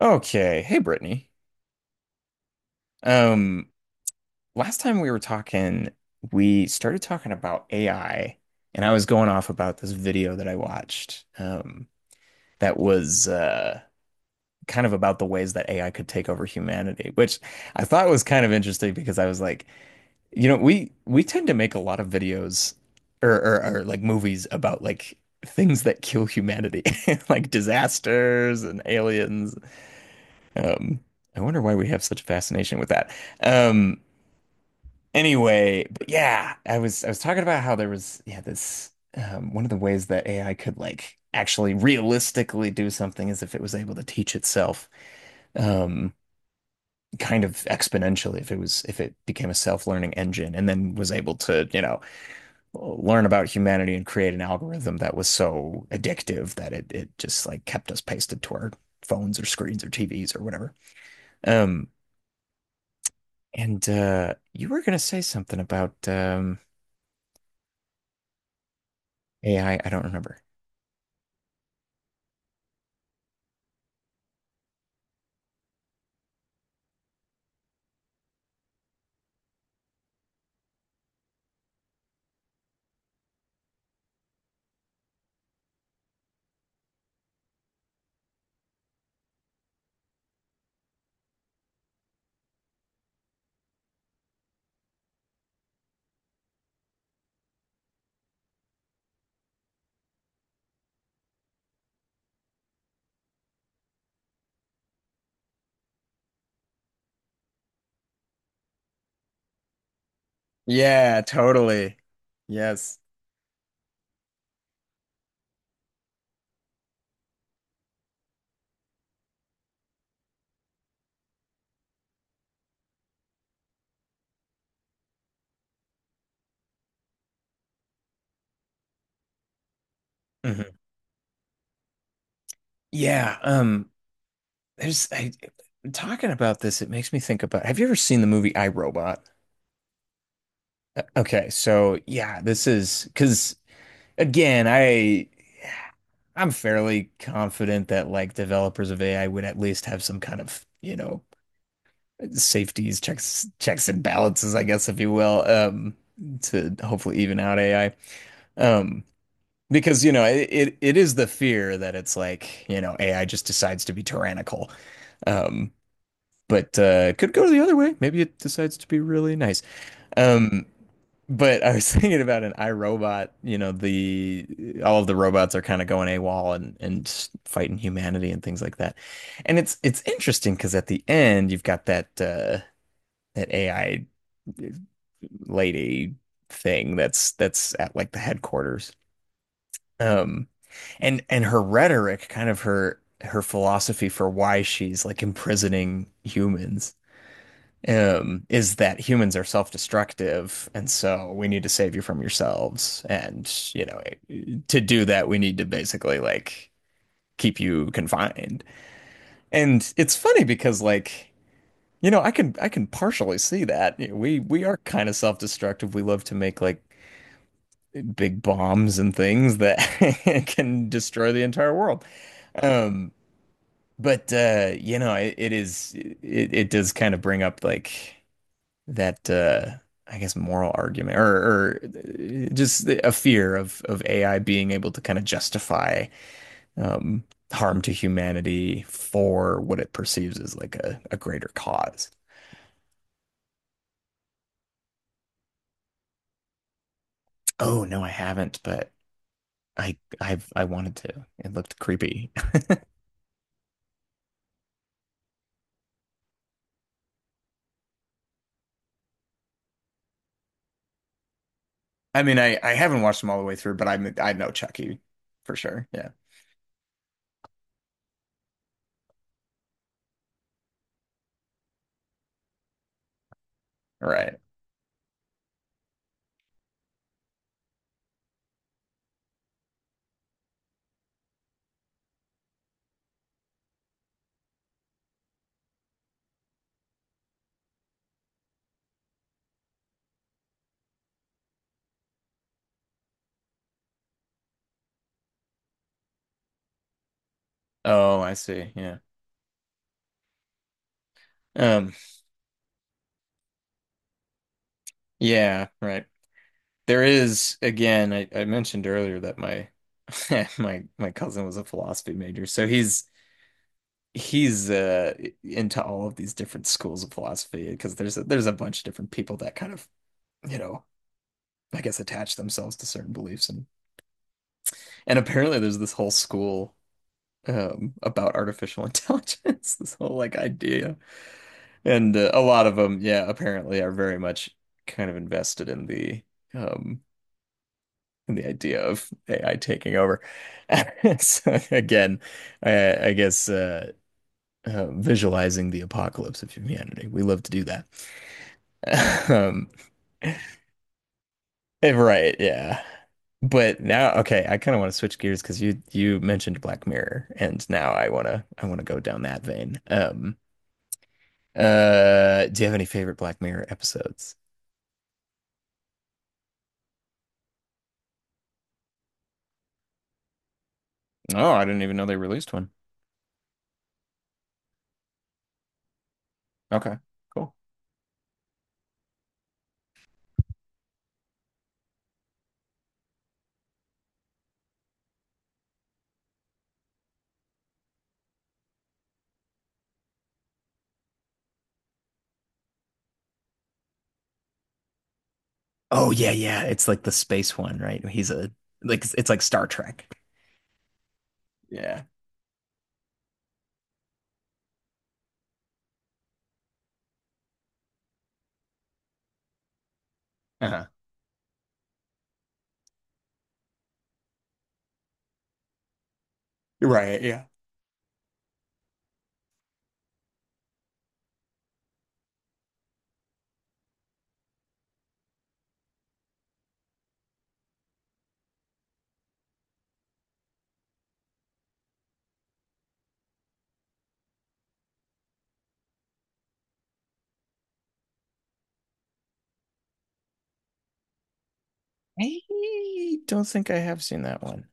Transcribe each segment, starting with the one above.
Okay. Hey, Brittany. Um, Last time we were talking, we started talking about AI, and I was going off about this video that I watched, that was kind of about the ways that AI could take over humanity, which I thought was kind of interesting because I was like, you know, we tend to make a lot of videos or like movies about like things that kill humanity, like disasters and aliens. Um, I wonder why we have such a fascination with that. Um, anyway, but yeah, I was talking about how there was, yeah, this, one of the ways that AI could like actually realistically do something is if it was able to teach itself, um, kind of exponentially, if it was, if it became a self-learning engine and then was able to, you know, learn about humanity and create an algorithm that was so addictive that it just like kept us pasted to our phones or screens or TVs or whatever. Um, And you were gonna say something about, AI. I don't remember. Yeah, totally. Yes. Hmm. Yeah. There's I talking about this. It makes me think about, have you ever seen the movie I, Robot? Okay. So yeah, this is because, again, I'm fairly confident that like developers of AI would at least have some kind of, you know, safeties, checks and balances, I guess, if you will, to hopefully even out AI. Um, because, you know, it is the fear that it's like, you know, AI just decides to be tyrannical. Um, but it could go the other way. Maybe it decides to be really nice. Um, but I was thinking about an iRobot, you know, the all of the robots are kind of going AWOL and fighting humanity and things like that. And it's interesting because at the end you've got that an AI lady thing that's at like the headquarters. Um, and her rhetoric, kind of her philosophy for why she's like imprisoning humans, is that humans are self-destructive, and so we need to save you from yourselves. And, you know, to do that, we need to basically like keep you confined. And it's funny because like, you know, I can partially see that. We are kind of self-destructive. We love to make like big bombs and things that can destroy the entire world. Um, but you know, it does kind of bring up like that I guess moral argument, or just a fear of AI being able to kind of justify, um harm to humanity for what it perceives as like a greater cause. Oh, no, I haven't, but I wanted to. It looked creepy. I mean, I haven't watched them all the way through, but I know Chucky for sure. Yeah. Right. Oh, I see. Yeah. Um. Yeah. Right. There is, again, I mentioned earlier that my my cousin was a philosophy major, so he's into all of these different schools of philosophy because there's a bunch of different people that kind of, you know, I guess attach themselves to certain beliefs, and apparently there's this whole school, about artificial intelligence, this whole like idea. And a lot of them, yeah, apparently are very much kind of invested in the, um in the idea of AI taking over. So again, I guess visualizing the apocalypse of humanity, we love to do that. um right, yeah. But now, okay, I kind of want to switch gears because you mentioned Black Mirror and now I want to go down that vein. Do you have any favorite Black Mirror episodes? Oh, I didn't even know they released one. Okay, cool. Oh yeah, yeah. It's like the space one, right? He's a Like it's like Star Trek. Yeah. Uh-huh. Right, yeah. I don't think I have seen that one.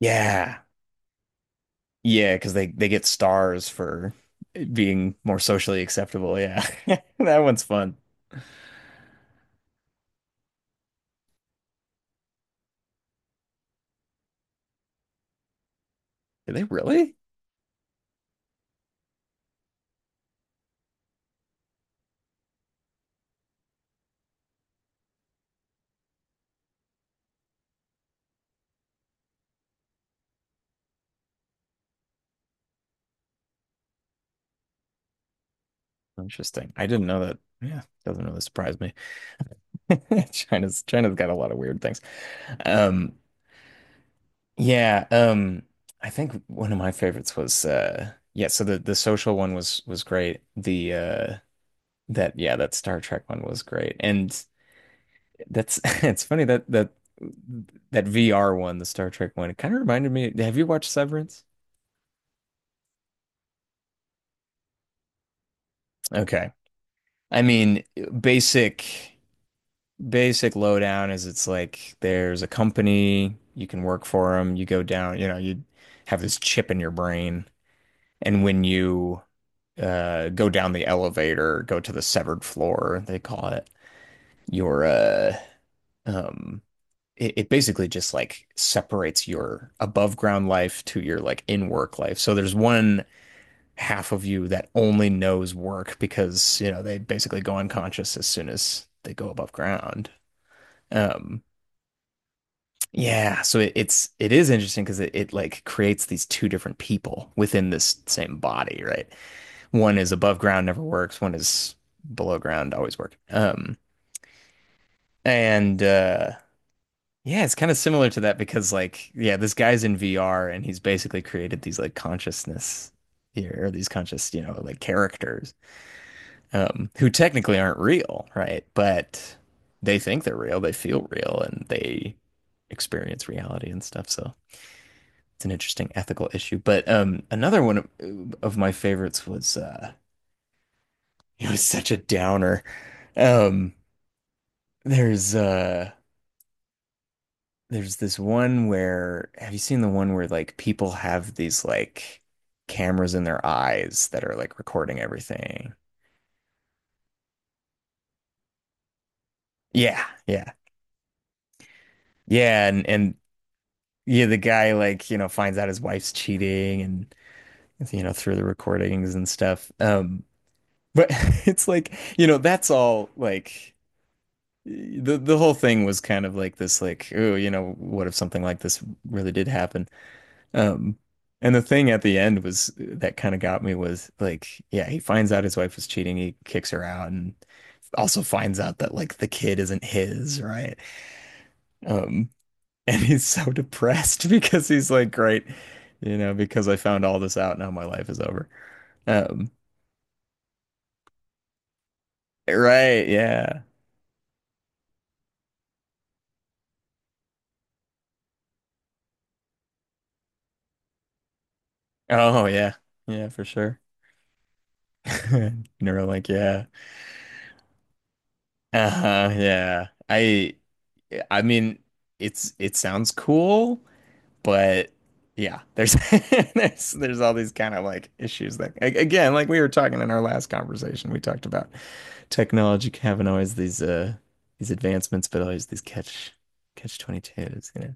Yeah. Yeah, because they get stars for it being more socially acceptable. Yeah. That one's fun. Did they really? Interesting. I didn't know that. Yeah, doesn't really surprise me. China's got a lot of weird things. Um, Yeah, I think one of my favorites was, yeah, so the social one was great. The that yeah, that Star Trek one was great. And that's it's funny that VR one, the Star Trek one, it kind of reminded me, have you watched Severance? Okay. I mean, basic basic lowdown is it's like there's a company, you can work for them, you go down, you know, you have this chip in your brain, and when you go down the elevator, go to the severed floor, they call it. Your uh, um, it basically just like separates your above ground life to your like in work life. So there's one half of you that only knows work because, you know, they basically go unconscious as soon as they go above ground. Um, yeah, so it is interesting because it like creates these two different people within this same body, right? One is above ground, never works. One is below ground, always worked. And yeah, it's kind of similar to that because, like, yeah, this guy's in VR and he's basically created these like consciousness here, or these conscious, you know, like characters, who technically aren't real, right? But they think they're real, they feel real, and they experience reality and stuff. So it's an interesting ethical issue. But, another one of my favorites was, it was such a downer. Um, There's uh there's this one where, have you seen the one where like people have these like cameras in their eyes that are like recording everything? Yeah, yeah. Yeah, and yeah, the guy like, you know, finds out his wife's cheating and, you know, through the recordings and stuff. But It's like, you know, that's all like the whole thing was kind of like this, like, oh, you know, what if something like this really did happen? Um, and the thing at the end was, that kind of got me was like, yeah, he finds out his wife was cheating, he kicks her out, and also finds out that like the kid isn't his, right? Um, and he's so depressed because he's like, great, you know, because I found all this out, now my life is over. Um, right, yeah. Oh, yeah. Yeah, for sure. Neuro, like, yeah. Uh-huh, yeah. I mean, it's, it sounds cool. But, yeah, there's there's all these kind of like issues that, again, like we were talking in our last conversation, we talked about technology having always these advancements, but always these catch 22s, you know.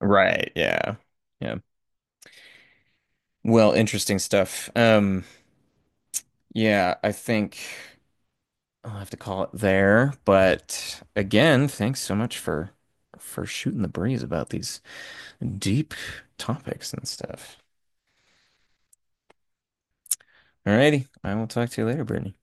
Right, yeah. Yeah. Well, interesting stuff. Yeah, I think I'll have to call it there, but again, thanks so much for shooting the breeze about these deep topics and stuff. Alrighty, I will talk to you later, Brittany.